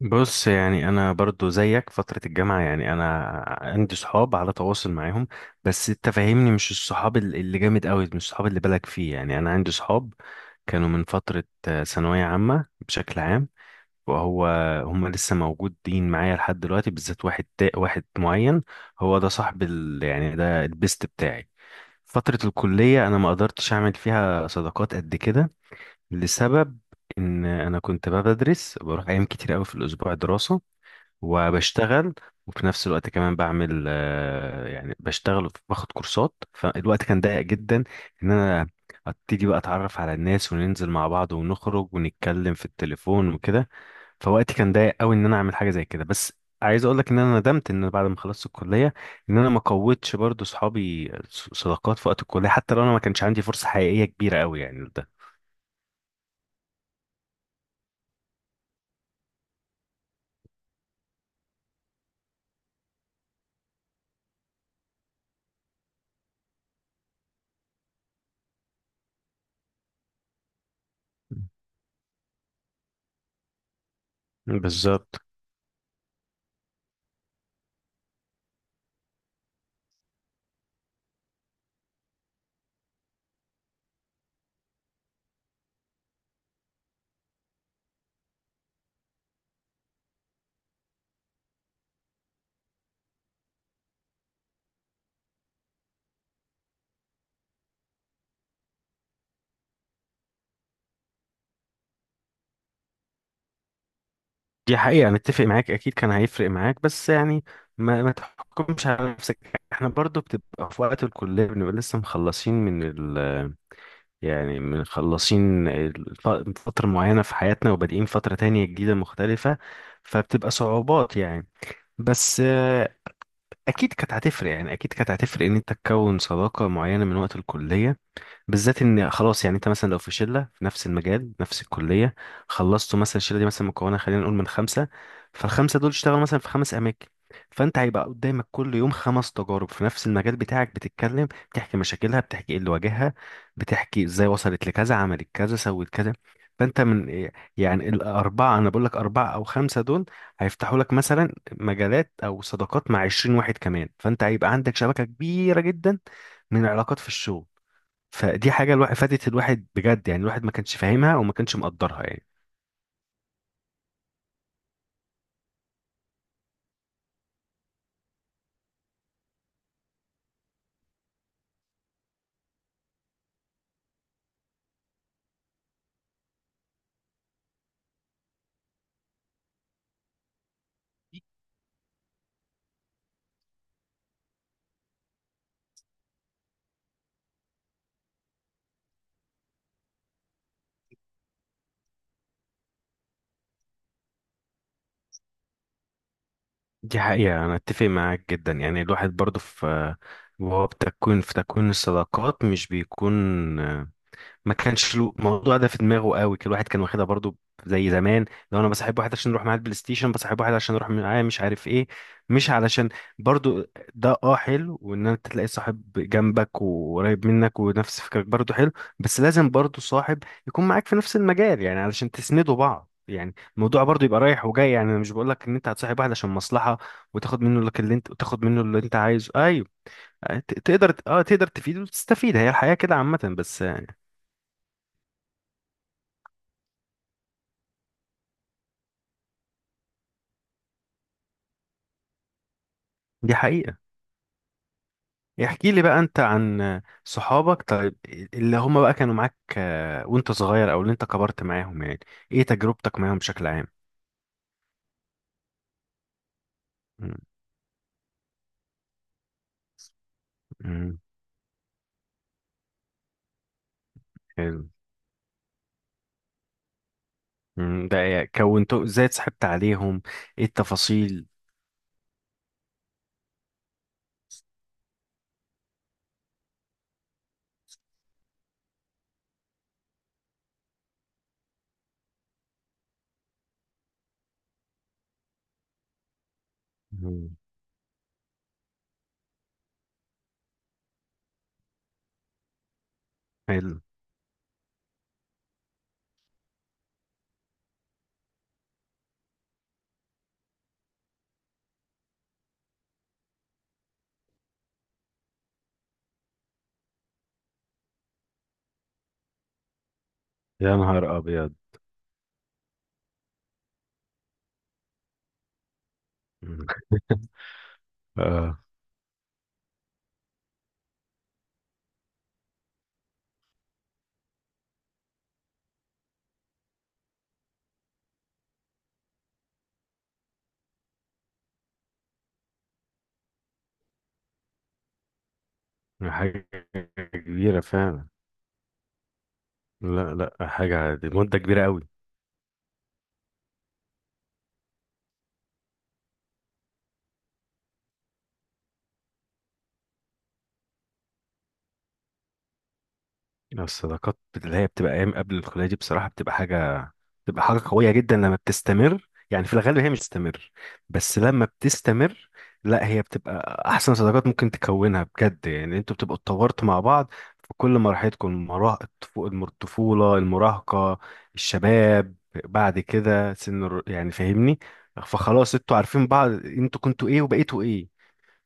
بص، يعني انا برضو زيك فترة الجامعة. يعني انا عندي صحاب على تواصل معاهم. بس انت فاهمني، مش الصحاب اللي جامد قوي، مش الصحاب اللي بالك فيه. يعني انا عندي صحاب كانوا من فترة ثانوية عامة بشكل عام، وهو هم لسه موجودين معايا لحد دلوقتي، بالذات واحد معين. هو ده صاحب يعني ده البيست بتاعي. فترة الكلية انا ما قدرتش اعمل فيها صداقات قد كده، لسبب ان انا كنت بقى بدرس، بروح ايام كتير قوي في الاسبوع دراسة، وبشتغل، وفي نفس الوقت كمان بعمل يعني بشتغل وباخد كورسات. فالوقت كان ضيق جدا ان انا ابتدي بقى اتعرف على الناس وننزل مع بعض ونخرج ونتكلم في التليفون وكده. فوقتي كان ضيق قوي ان انا اعمل حاجه زي كده. بس عايز اقول لك ان انا ندمت، ان أنا بعد ما خلصت الكليه، ان انا ما قوتش برضو صحابي صداقات في وقت الكليه، حتى لو انا ما كانش عندي فرصه حقيقيه كبيره قوي، يعني ده. بالظبط. دي حقيقة، أنا متفق معاك، أكيد كان هيفرق معاك. بس يعني ما تحكمش على نفسك. احنا برضو بتبقى في وقت الكلية بنبقى لسه مخلصين من ال يعني فترة معينة في حياتنا، وبادئين فترة تانية جديدة مختلفة. فبتبقى صعوبات يعني. بس أكيد كانت هتفرق، يعني أكيد كانت هتفرق إن أنت تكون صداقة معينة من وقت الكلية، بالذات ان خلاص. يعني انت مثلا لو في شله في نفس المجال نفس الكليه، خلصتوا، مثلا الشله دي مثلا مكونه خلينا نقول من خمسه، فالخمسه دول اشتغلوا مثلا في خمس اماكن، فانت هيبقى قدامك كل يوم خمس تجارب في نفس المجال بتاعك، بتتكلم، بتحكي مشاكلها، بتحكي ايه اللي واجهها، بتحكي ازاي وصلت لكذا، عملت كذا، سوت كذا. فانت من يعني الاربعه، انا بقول لك اربعه او خمسه دول، هيفتحوا لك مثلا مجالات او صداقات مع 20 واحد كمان، فانت هيبقى عندك شبكه كبيره جدا من العلاقات في الشغل. فدي حاجة الواحد فادت الواحد بجد، يعني الواحد ما كانش فاهمها وما كانش مقدرها يعني. دي حقيقة، أنا أتفق معاك جدا. يعني الواحد برضه، في وهو بتكوين في تكوين الصداقات مش بيكون، ما كانش الموضوع ده في دماغه قوي. كل واحد كان واخدها برضو زي زمان، لو انا بصاحب واحد عشان نروح معاه البلاي ستيشن، بصاحب واحد عشان اروح معاه مش عارف ايه، مش علشان برضو. ده اه، حلو وان انت تلاقي صاحب جنبك وقريب منك ونفس فكرك، برضو حلو. بس لازم برضو صاحب يكون معاك في نفس المجال، يعني علشان تسندوا بعض، يعني الموضوع برضو يبقى رايح وجاي. يعني انا مش بقول لك ان انت هتصاحب واحد عشان مصلحة وتاخد منه لك اللي انت، وتاخد منه اللي انت عايزه، ايوه. تقدر اه تقدر تفيد وتستفيد، هي الحياة كده عامة، بس. دي حقيقة. احكي لي بقى انت عن صحابك، طيب، اللي هم بقى كانوا معاك وانت صغير، او اللي انت كبرت معاهم. يعني ايه تجربتك معاهم بشكل عام؟ مم. مم. حلو. مم. ده إيه؟ كونتوا ازاي، اتصاحبت عليهم؟ ايه التفاصيل؟ مم. حلو. يا نهار ابيض. مم. اه. حاجه كبيره فعلا. لا لا، حاجه دي مده كبيره قوي. يعني الصداقات اللي هي بتبقى ايام قبل الكليه دي بصراحه بتبقى حاجه، بتبقى حاجه قويه جدا لما بتستمر. يعني في الغالب هي مش بتستمر، بس لما بتستمر لا هي بتبقى احسن صداقات ممكن تكونها بجد. يعني انتوا بتبقوا اتطورتوا مع بعض في كل مراحلكم، المراهق، الطفوله، المراهقه، الشباب، بعد كده سن يعني فاهمني. فخلاص انتوا عارفين بعض، انتوا كنتوا ايه وبقيتوا ايه.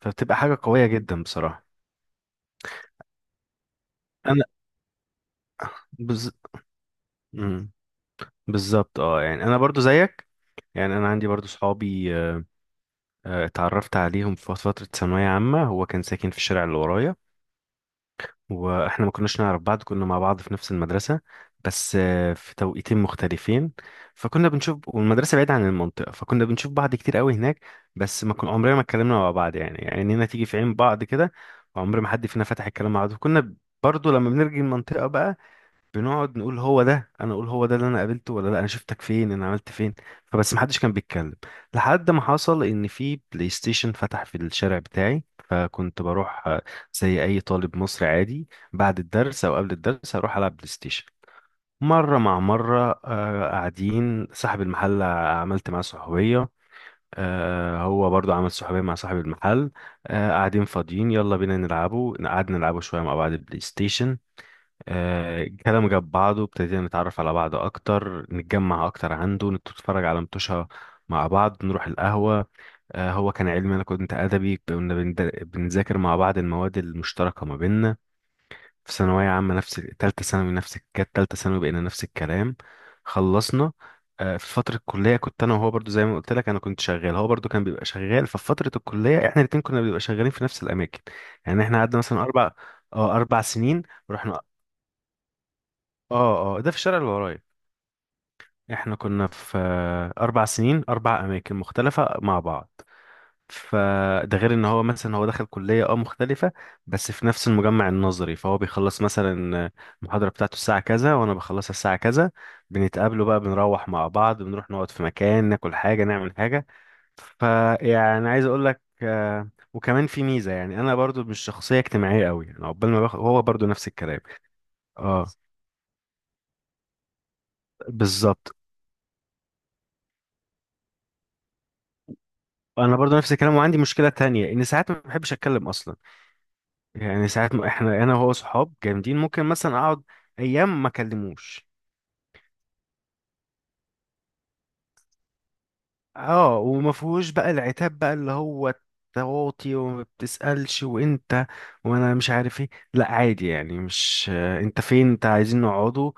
فبتبقى حاجه قويه جدا بصراحه. انا بز... مم. بالظبط، اه، يعني انا برضو زيك. يعني انا عندي برضو صحابي اتعرفت عليهم في فترة ثانوية عامة. هو كان ساكن في الشارع اللي ورايا، واحنا ما كناش نعرف بعض. كنا مع بعض في نفس المدرسة بس في توقيتين مختلفين، فكنا بنشوف، والمدرسة بعيدة عن المنطقة، فكنا بنشوف بعض كتير قوي هناك. بس ما كنا عمرنا ما اتكلمنا مع بعض، يعني عينينا تيجي في عين بعض كده، وعمر ما حد فينا فتح الكلام مع بعض. وكنا برضو لما بنرجع المنطقة بقى بنقعد نقول، هو ده، انا اقول هو ده اللي انا قابلته ولا لا، انا شفتك فين، انا عملت فين. فبس محدش كان بيتكلم. لحد ما حصل ان في بلاي ستيشن فتح في الشارع بتاعي، فكنت بروح زي اي طالب مصري عادي بعد الدرس او قبل الدرس اروح العب بلاي ستيشن. مره مع مره قاعدين، صاحب المحل عملت معاه صحوبيه، هو برضو عمل صحوبيه مع صاحب المحل، قاعدين فاضيين، يلا بينا نلعبه. قعدنا نلعبه شويه مع بعض البلاي ستيشن. كلام جاب بعضه، ابتدينا نتعرف على بعض اكتر، نتجمع اكتر عنده، نتفرج على متوشة مع بعض، نروح القهوة. هو كان علمي، انا كنت ادبي، كنا بنذاكر مع بعض المواد المشتركة ما بيننا في ثانوية عامة. نفس تالتة ثانوي، نفس كانت تالتة ثانوي، بقينا نفس الكلام. خلصنا في فترة الكلية كنت أنا وهو برضو زي ما قلت لك، أنا كنت شغال، هو برضو كان بيبقى شغال. ففي فترة الكلية إحنا الاتنين كنا بنبقى شغالين في نفس الأماكن. يعني إحنا قعدنا مثلا أربع اه 4 سنين، رحنا اه، اه، ده في الشارع اللي ورايا. احنا كنا في 4 سنين، اربع اماكن مختلفة مع بعض. فده غير ان هو مثلا هو دخل كلية اه مختلفة بس في نفس المجمع النظري، فهو بيخلص مثلا المحاضرة بتاعته الساعة كذا وانا بخلصها الساعة كذا، بنتقابلوا بقى، بنروح مع بعض، بنروح نقعد في مكان، ناكل حاجة، نعمل حاجة. فيعني عايز اقول لك وكمان في ميزة، يعني انا برضو مش شخصية اجتماعية قوي، يعني عقبال ما باخد، هو برضو نفس الكلام. اه بالظبط. انا برضو نفس الكلام، وعندي مشكله تانية ان ساعات ما بحبش اتكلم اصلا. يعني ساعات ما احنا انا وهو صحاب جامدين، ممكن مثلا اقعد ايام ما اكلموش. اه، وما فيهوش بقى العتاب بقى اللي هو تواطي وما بتسالش وانت، وانا مش عارف ايه. لا عادي يعني، مش انت فين، انت عايزين نقعدوا،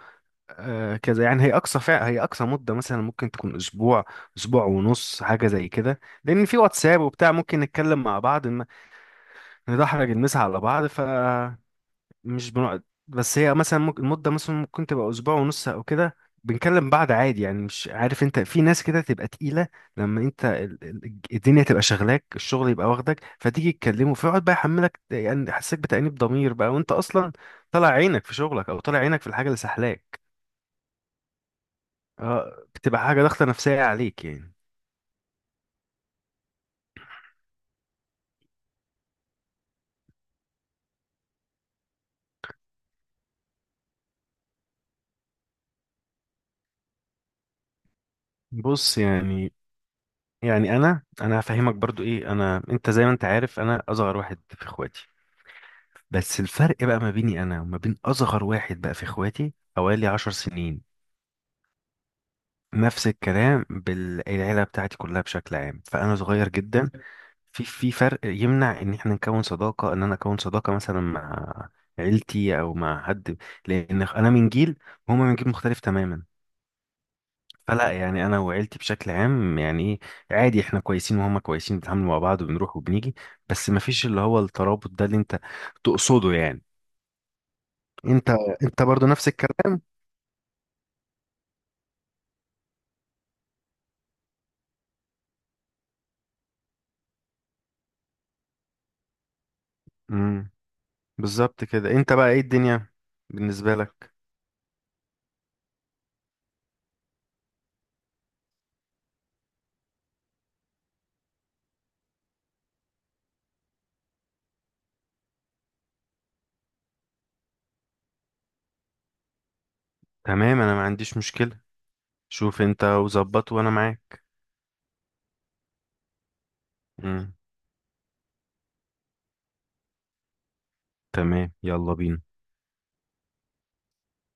كذا. يعني هي اقصى هي اقصى مده مثلا ممكن تكون اسبوع، اسبوع ونص حاجه زي كده، لان في واتساب وبتاع ممكن نتكلم مع بعض. ندحرج المسا على بعض، مش بنقعد. بس هي مثلا ممكن المدة مثلا ممكن تبقى أسبوع ونص أو كده، بنكلم بعض عادي. يعني مش عارف، أنت في ناس كده تبقى تقيلة، لما أنت الدنيا تبقى شغلاك، الشغل يبقى واخدك، فتيجي تكلمه فيقعد بقى يحملك، يعني يحسسك بتأنيب ضمير، بقى وأنت أصلا طالع عينك في شغلك أو طالع عينك في الحاجة اللي سحلاك. أه بتبقى حاجة ضغطة نفسية عليك يعني. بص، يعني، يعني أنا هفهمك برضو إيه أنا. أنت زي ما أنت عارف، أنا أصغر واحد في إخواتي. بس الفرق بقى ما بيني انا وما بين اصغر واحد بقى في اخواتي حوالي 10 سنين. نفس الكلام بالعيله بتاعتي كلها بشكل عام، فانا صغير جدا. في فرق يمنع ان احنا نكون صداقه، ان انا اكون صداقه مثلا مع عيلتي او مع حد، لان انا من جيل وهما من جيل مختلف تماما. فلا، يعني انا وعيلتي بشكل عام يعني ايه، عادي، احنا كويسين وهما كويسين، بنتعامل مع بعض وبنروح وبنيجي. بس ما فيش اللي هو الترابط ده اللي انت تقصده يعني. انت انت برضو نفس الكلام. بالظبط كده، انت بقى ايه الدنيا بالنسبة لك؟ تمام، انا ما عنديش مشكلة، شوف انت وظبط وانا معاك. مم. تمام، يلا بينا.